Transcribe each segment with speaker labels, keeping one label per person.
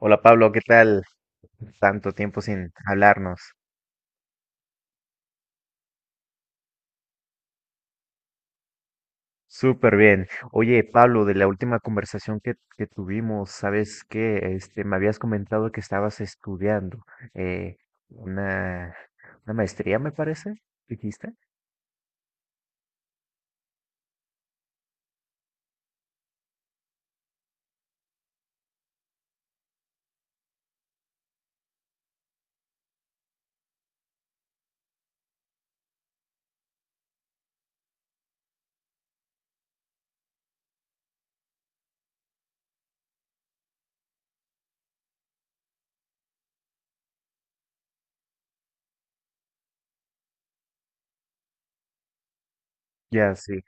Speaker 1: Hola Pablo, ¿qué tal? Tanto tiempo sin hablarnos. Súper bien. Oye, Pablo, de la última conversación que tuvimos, ¿sabes qué? Este, me habías comentado que estabas estudiando eh, una, una maestría, me parece, dijiste. Ya, sí.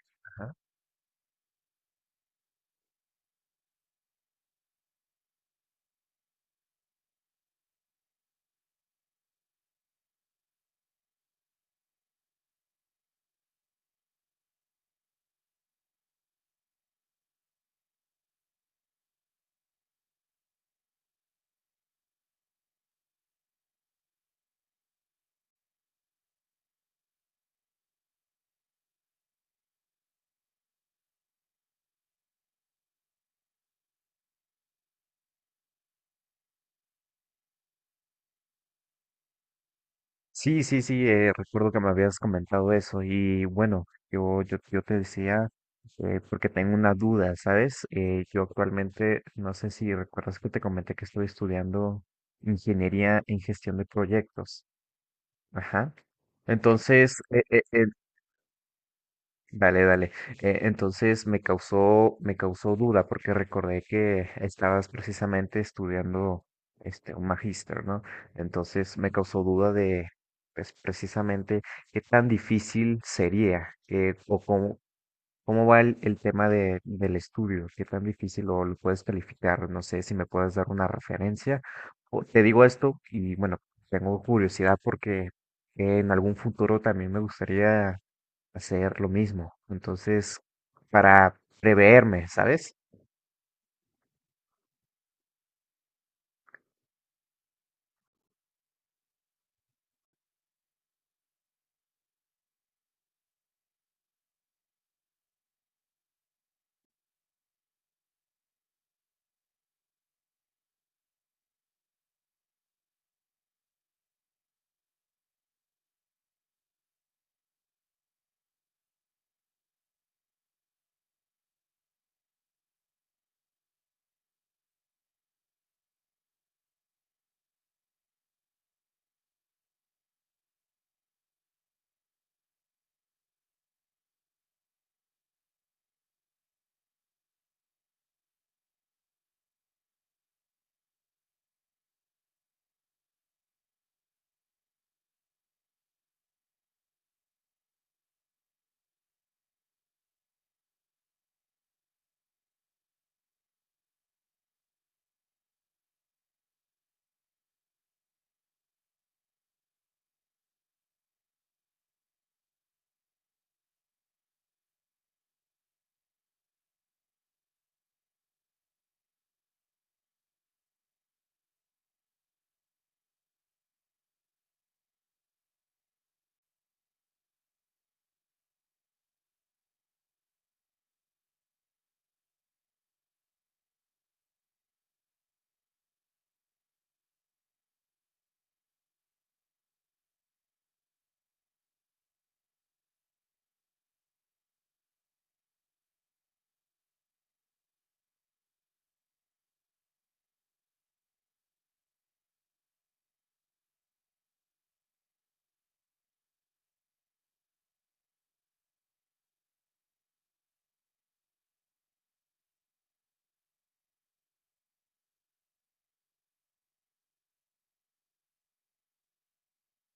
Speaker 1: Sí, sí, sí, recuerdo que me habías comentado eso y bueno, yo te decía, porque tengo una duda, ¿sabes? Yo actualmente, no sé si recuerdas que te comenté que estoy estudiando ingeniería en gestión de proyectos. Ajá. Entonces, dale, dale. Entonces me causó duda porque recordé que estabas precisamente estudiando este un magíster, ¿no? Entonces me causó duda de pues, precisamente qué tan difícil sería o cómo va el tema de, del estudio, qué tan difícil o lo puedes calificar. No sé si me puedes dar una referencia. Te digo esto y bueno, tengo curiosidad porque en algún futuro también me gustaría hacer lo mismo. Entonces, para preverme, ¿sabes?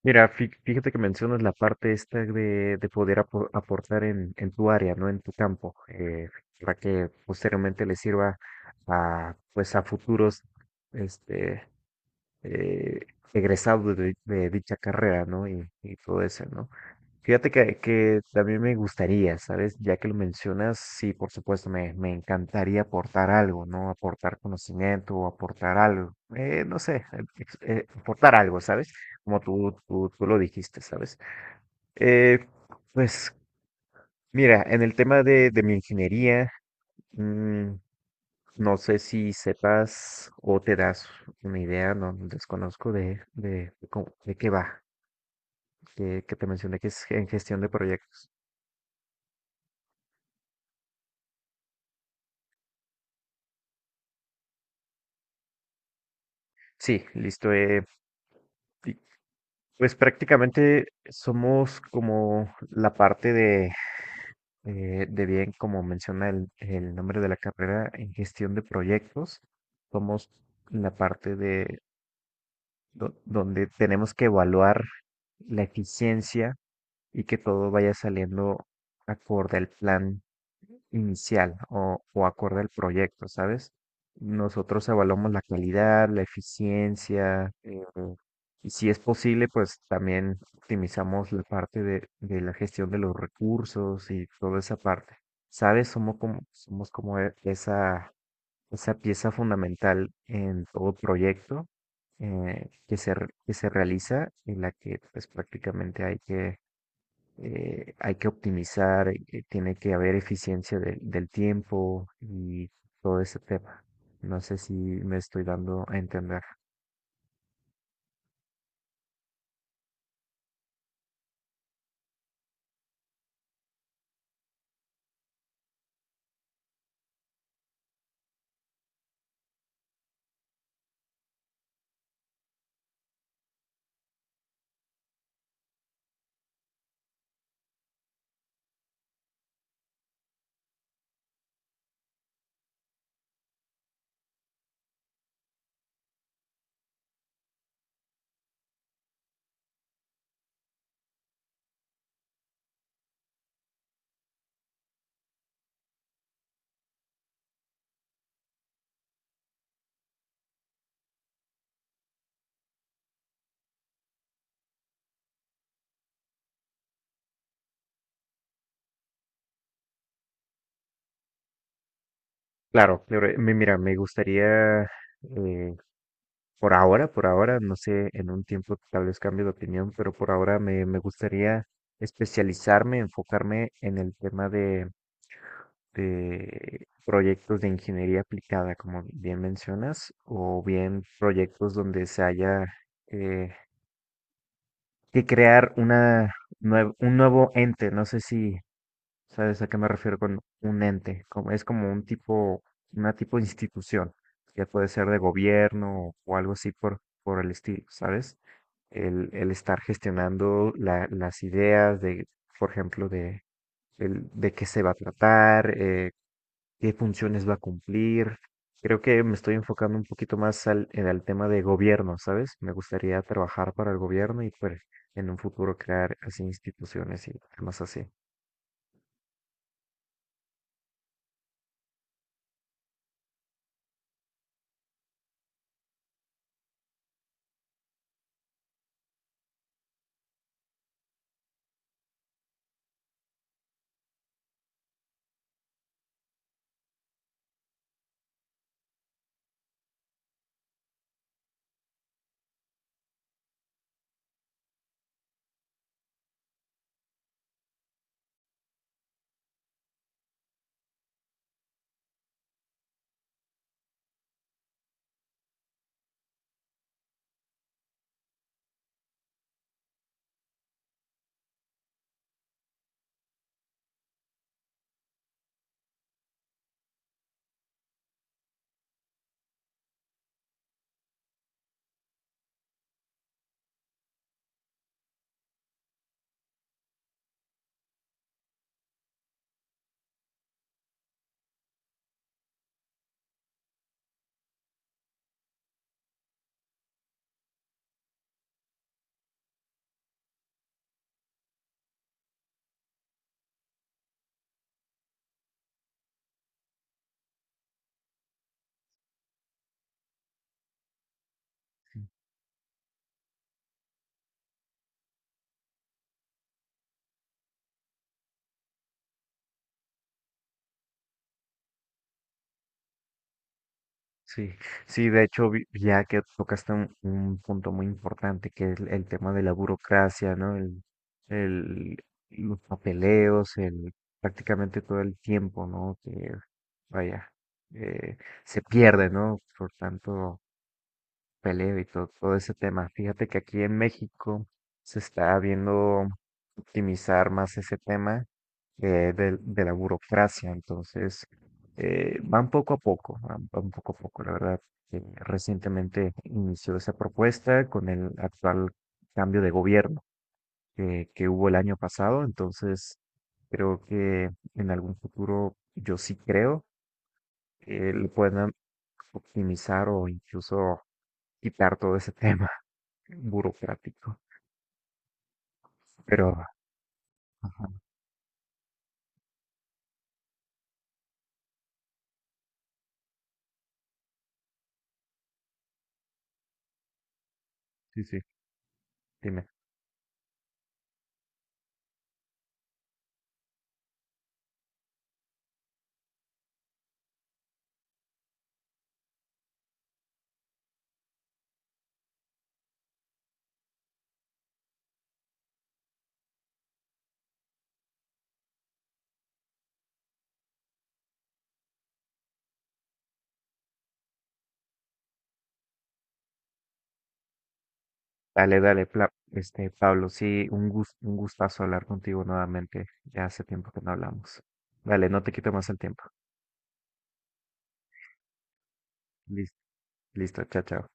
Speaker 1: Mira, fíjate que mencionas la parte esta de poder aportar en tu área, ¿no? En tu campo, para que posteriormente le sirva a, pues, a futuros, este, eh, egresado de dicha carrera, ¿no? Y todo eso, ¿no? Fíjate que también me gustaría, ¿sabes? Ya que lo mencionas, sí, por supuesto, me encantaría aportar algo, ¿no? Aportar conocimiento o aportar algo, no sé, aportar algo, ¿sabes? Como tú lo dijiste, ¿sabes? Eh, pues mira, en el tema de mi ingeniería, mm, no sé si sepas o te das una idea, no desconozco de de qué va, que te mencioné que es en gestión de proyectos. Sí, listo. Y, pues prácticamente somos como la parte de bien, como menciona el nombre de la carrera, en gestión de proyectos. Somos la parte de donde tenemos que evaluar la eficiencia y que todo vaya saliendo acorde al plan inicial o acorde al proyecto, ¿sabes? Nosotros evaluamos la calidad, la eficiencia, y si es posible, pues también optimizamos la parte de la gestión de los recursos y toda esa parte. ¿Sabes? Somos como esa, esa pieza fundamental en todo proyecto que que se realiza, en la que pues prácticamente hay que optimizar, tiene que haber eficiencia del tiempo y todo ese tema. No sé si me estoy dando a entender. Claro, pero mira, me gustaría, eh, por ahora, no sé, en un tiempo tal vez cambie de opinión, pero por ahora me gustaría especializarme, enfocarme en el tema de proyectos de ingeniería aplicada, como bien mencionas, o bien proyectos donde se haya... eh, que crear un nuevo ente. No sé si sabes a qué me refiero con un ente. Como, es como un tipo, una tipo de institución, que puede ser de gobierno o algo así por el estilo, ¿sabes? El estar gestionando las ideas de, por ejemplo, de, de qué se va a tratar, qué funciones va a cumplir. Creo que me estoy enfocando un poquito más al, en el tema de gobierno, ¿sabes? Me gustaría trabajar para el gobierno y pues en un futuro crear así instituciones y temas así. Sí, sí, de hecho, ya que tocaste un punto muy importante, que es el tema de la burocracia, ¿no? El, los papeleos, el, prácticamente todo el tiempo, ¿no? Que, vaya, eh, se pierde, ¿no? Por tanto peleo y todo, todo ese tema. Fíjate que aquí en México se está viendo optimizar más ese tema de, la burocracia. Entonces, van poco a poco, van poco a poco. La verdad, recientemente inició esa propuesta con el actual cambio de gobierno que hubo el año pasado. Entonces, creo que en algún futuro, yo sí creo, que lo puedan optimizar o incluso quitar todo ese tema burocrático. Pero, ajá, sí, sí, dime. Dale, dale, este, Pablo, sí, un un gustazo hablar contigo nuevamente. Ya hace tiempo que no hablamos. Dale, no te quito más el tiempo. Listo, listo, chao, chao.